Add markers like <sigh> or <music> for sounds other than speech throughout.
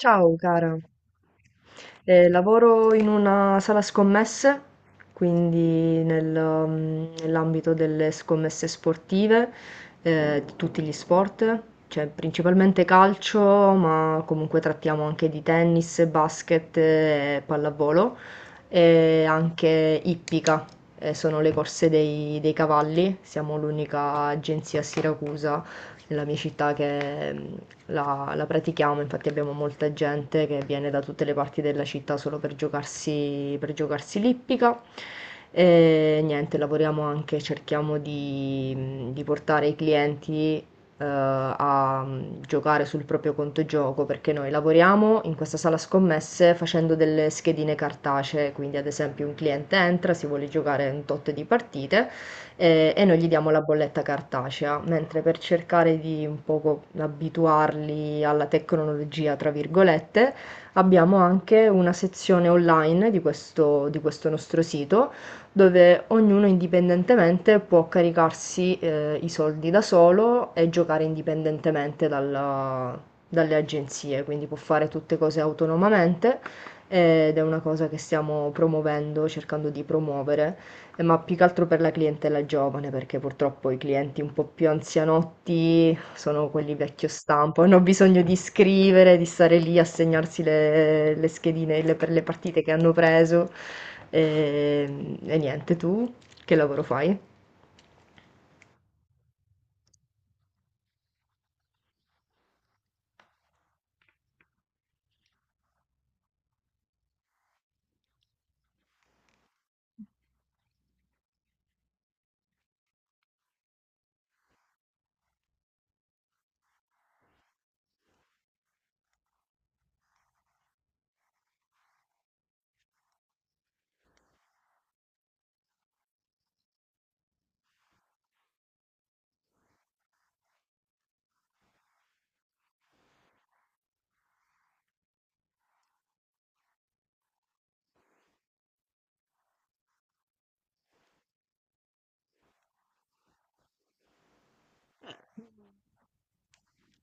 Ciao cara. Lavoro in una sala scommesse, quindi nell'ambito delle scommesse sportive, di tutti gli sport, cioè principalmente calcio, ma comunque trattiamo anche di tennis, basket, pallavolo e anche ippica, sono le corse dei cavalli, siamo l'unica agenzia a Siracusa nella mia città che, la pratichiamo, infatti abbiamo molta gente che viene da tutte le parti della città solo per giocarsi l'ippica. E niente, lavoriamo anche, cerchiamo di portare i clienti a giocare sul proprio conto gioco perché noi lavoriamo in questa sala scommesse facendo delle schedine cartacee, quindi ad esempio un cliente entra, si vuole giocare un tot di partite e noi gli diamo la bolletta cartacea, mentre per cercare di un poco abituarli alla tecnologia, tra virgolette, abbiamo anche una sezione online di questo nostro sito dove ognuno indipendentemente può caricarsi i soldi da solo e giocare indipendentemente dalle agenzie, quindi può fare tutte cose autonomamente ed è una cosa che stiamo promuovendo, cercando di promuovere. Ma più che altro per la clientela giovane, perché purtroppo i clienti un po' più anzianotti sono quelli vecchio stampo, hanno bisogno di scrivere, di stare lì a segnarsi le schedine per le partite che hanno preso. E niente, tu che lavoro fai?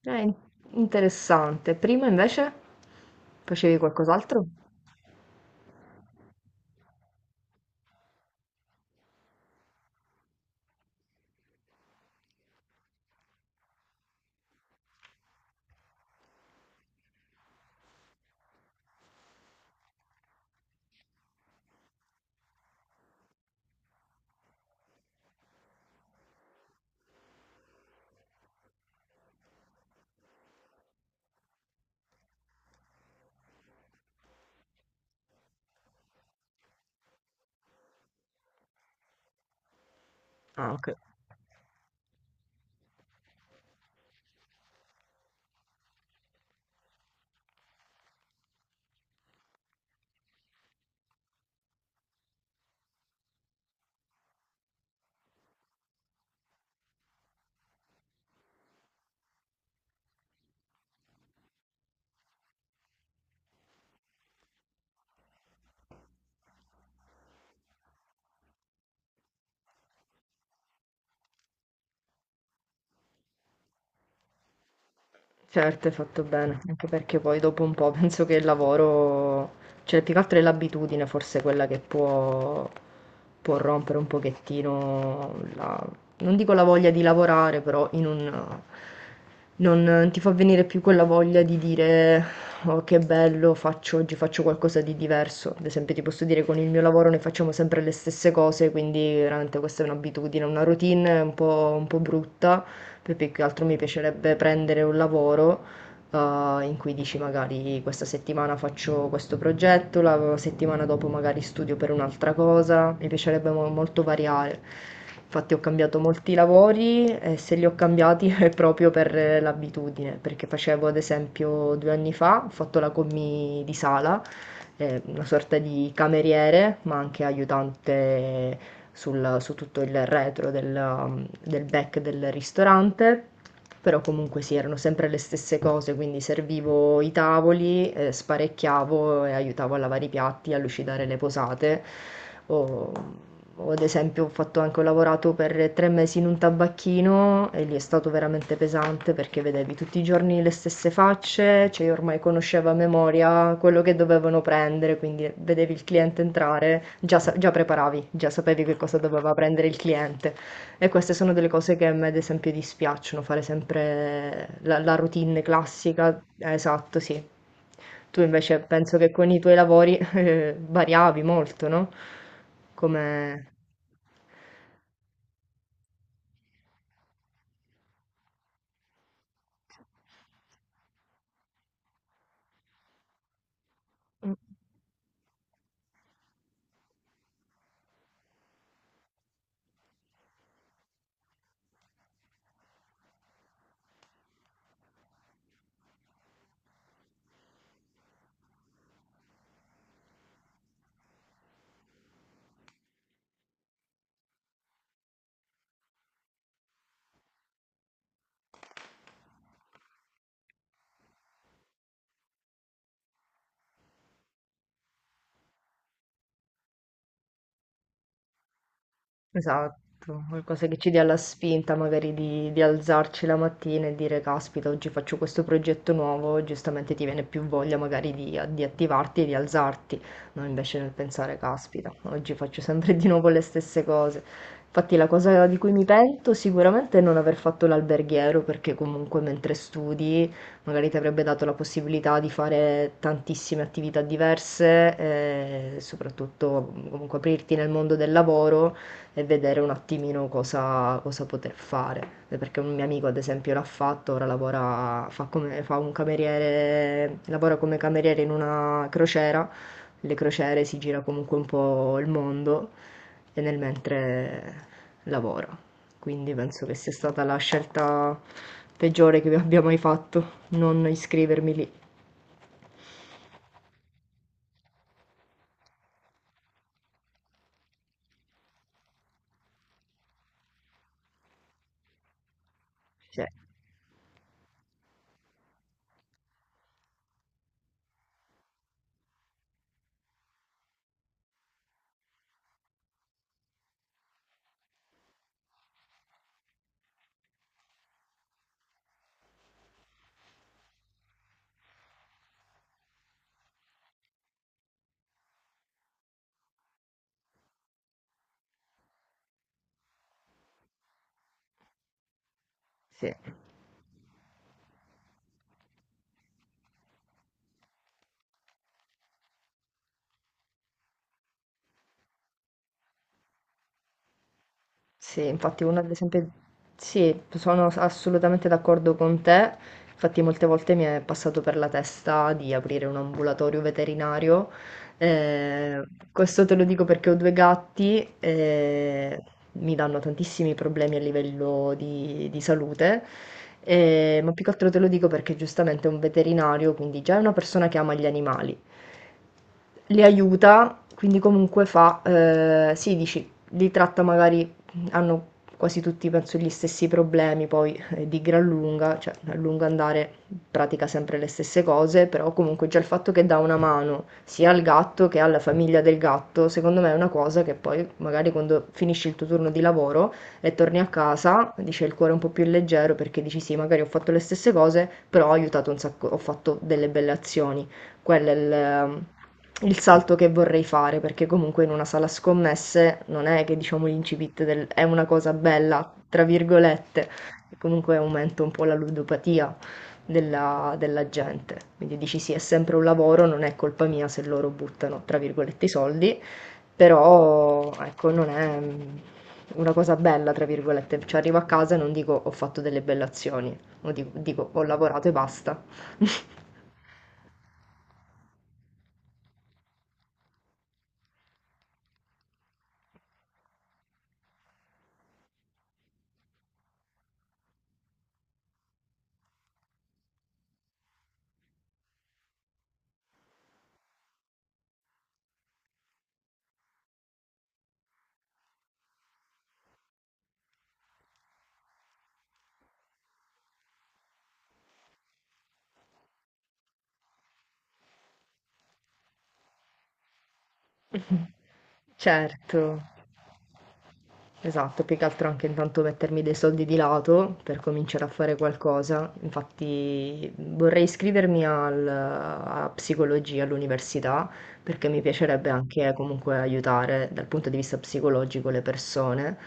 Eh, Interessante. Prima invece facevi qualcos'altro? Ah, ok. Certo, hai fatto bene, anche perché poi dopo un po' <laughs> penso che il lavoro, cioè più che altro è l'abitudine forse quella che può, può rompere un pochettino non dico la voglia di lavorare, però in un, non ti fa venire più quella voglia di dire oh che bello, faccio oggi faccio qualcosa di diverso. Ad esempio ti posso dire con il mio lavoro ne facciamo sempre le stesse cose, quindi veramente questa è un'abitudine, una routine un po' brutta, poi più che altro mi piacerebbe prendere un lavoro eh, in cui dici magari questa settimana faccio questo progetto, la settimana dopo magari studio per un'altra cosa, mi piacerebbe molto variare. Infatti ho cambiato molti lavori e se li ho cambiati <laughs> è proprio per l'abitudine, perché facevo ad esempio due anni fa, ho fatto la commì di sala, una sorta di cameriere, ma anche aiutante su tutto il retro del, del back del ristorante, però comunque sì, erano sempre le stesse cose, quindi servivo i tavoli, sparecchiavo e aiutavo a lavare i piatti, a lucidare le posate. O, o ad esempio ho fatto anche, ho lavorato per tre mesi in un tabacchino e lì è stato veramente pesante perché vedevi tutti i giorni le stesse facce, cioè io ormai conoscevo a memoria quello che dovevano prendere, quindi vedevi il cliente entrare, già, già preparavi, già sapevi che cosa doveva prendere il cliente. E queste sono delle cose che a me, ad esempio, dispiacciono, fare sempre la routine classica. Esatto, sì. Tu invece penso che con i tuoi lavori <laughs> variavi molto, no? Come... Esatto, qualcosa che ci dia la spinta magari di alzarci la mattina e dire caspita, oggi faccio questo progetto nuovo, giustamente ti viene più voglia magari di attivarti e di alzarti, non invece nel pensare caspita, oggi faccio sempre di nuovo le stesse cose. Infatti la cosa di cui mi pento sicuramente è non aver fatto l'alberghiero, perché comunque mentre studi magari ti avrebbe dato la possibilità di fare tantissime attività diverse, e soprattutto comunque aprirti nel mondo del lavoro e vedere un attimino cosa, cosa poter fare. Perché un mio amico ad esempio l'ha fatto, ora lavora, fa, come, fa un cameriere, lavora come cameriere in una crociera, le crociere si gira comunque un po' il mondo e nel mentre lavora, quindi penso che sia stata la scelta peggiore che abbia mai fatto, non iscrivermi lì. Sì, sì. Sì, infatti uno ad esempio... Sì, sono assolutamente d'accordo con te. Infatti molte volte mi è passato per la testa di aprire un ambulatorio veterinario. Eh, Questo te lo dico perché ho due gatti e mi danno tantissimi problemi a livello di salute. Ma più che altro te lo dico perché giustamente è un veterinario, quindi già è una persona che ama gli animali li aiuta, quindi comunque fa, sì, dici, li tratta magari, hanno quasi tutti, penso, gli stessi problemi, poi di gran lunga, cioè a lungo andare pratica sempre le stesse cose, però comunque già il fatto che dà una mano sia al gatto che alla famiglia del gatto, secondo me è una cosa che poi magari quando finisci il tuo turno di lavoro e torni a casa, dice il cuore un po' più leggero perché dici sì, magari ho fatto le stesse cose, però ho aiutato un sacco, ho fatto delle belle azioni. Quello è il salto che vorrei fare, perché comunque in una sala scommesse non è che diciamo l'incipit del è una cosa bella, tra virgolette, e comunque aumenta un po' la ludopatia della gente. Quindi dici sì, è sempre un lavoro, non è colpa mia se loro buttano, tra virgolette, i soldi, però ecco, non è una cosa bella, tra virgolette. Cioè arrivo a casa e non dico ho fatto delle belle azioni, o dico, ho lavorato e basta. <laughs> Certo. Esatto, più che altro anche intanto mettermi dei soldi di lato per cominciare a fare qualcosa. Infatti vorrei iscrivermi a psicologia all'università perché mi piacerebbe anche comunque aiutare dal punto di vista psicologico le persone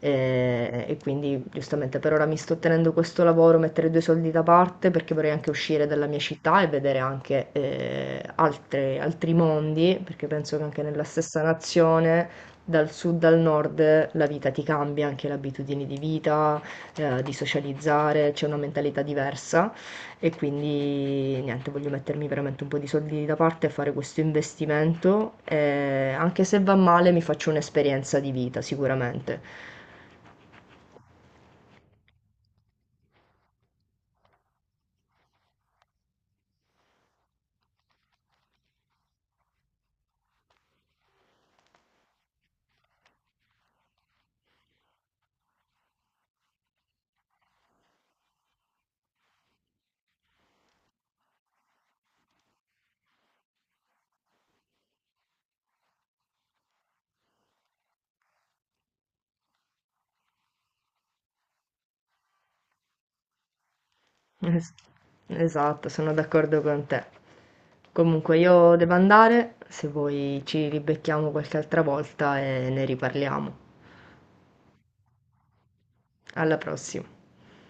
e quindi giustamente per ora mi sto tenendo questo lavoro, mettere due soldi da parte perché vorrei anche uscire dalla mia città e vedere anche altri mondi perché penso che anche nella stessa nazione dal sud al nord la vita ti cambia, anche le abitudini di vita, di socializzare, c'è una mentalità diversa e quindi niente, voglio mettermi veramente un po' di soldi da parte e fare questo investimento. E anche se va male, mi faccio un'esperienza di vita sicuramente. Es- Esatto, sono d'accordo con te. Comunque io devo andare, se vuoi ci ribecchiamo qualche altra volta e ne riparliamo. Alla prossima.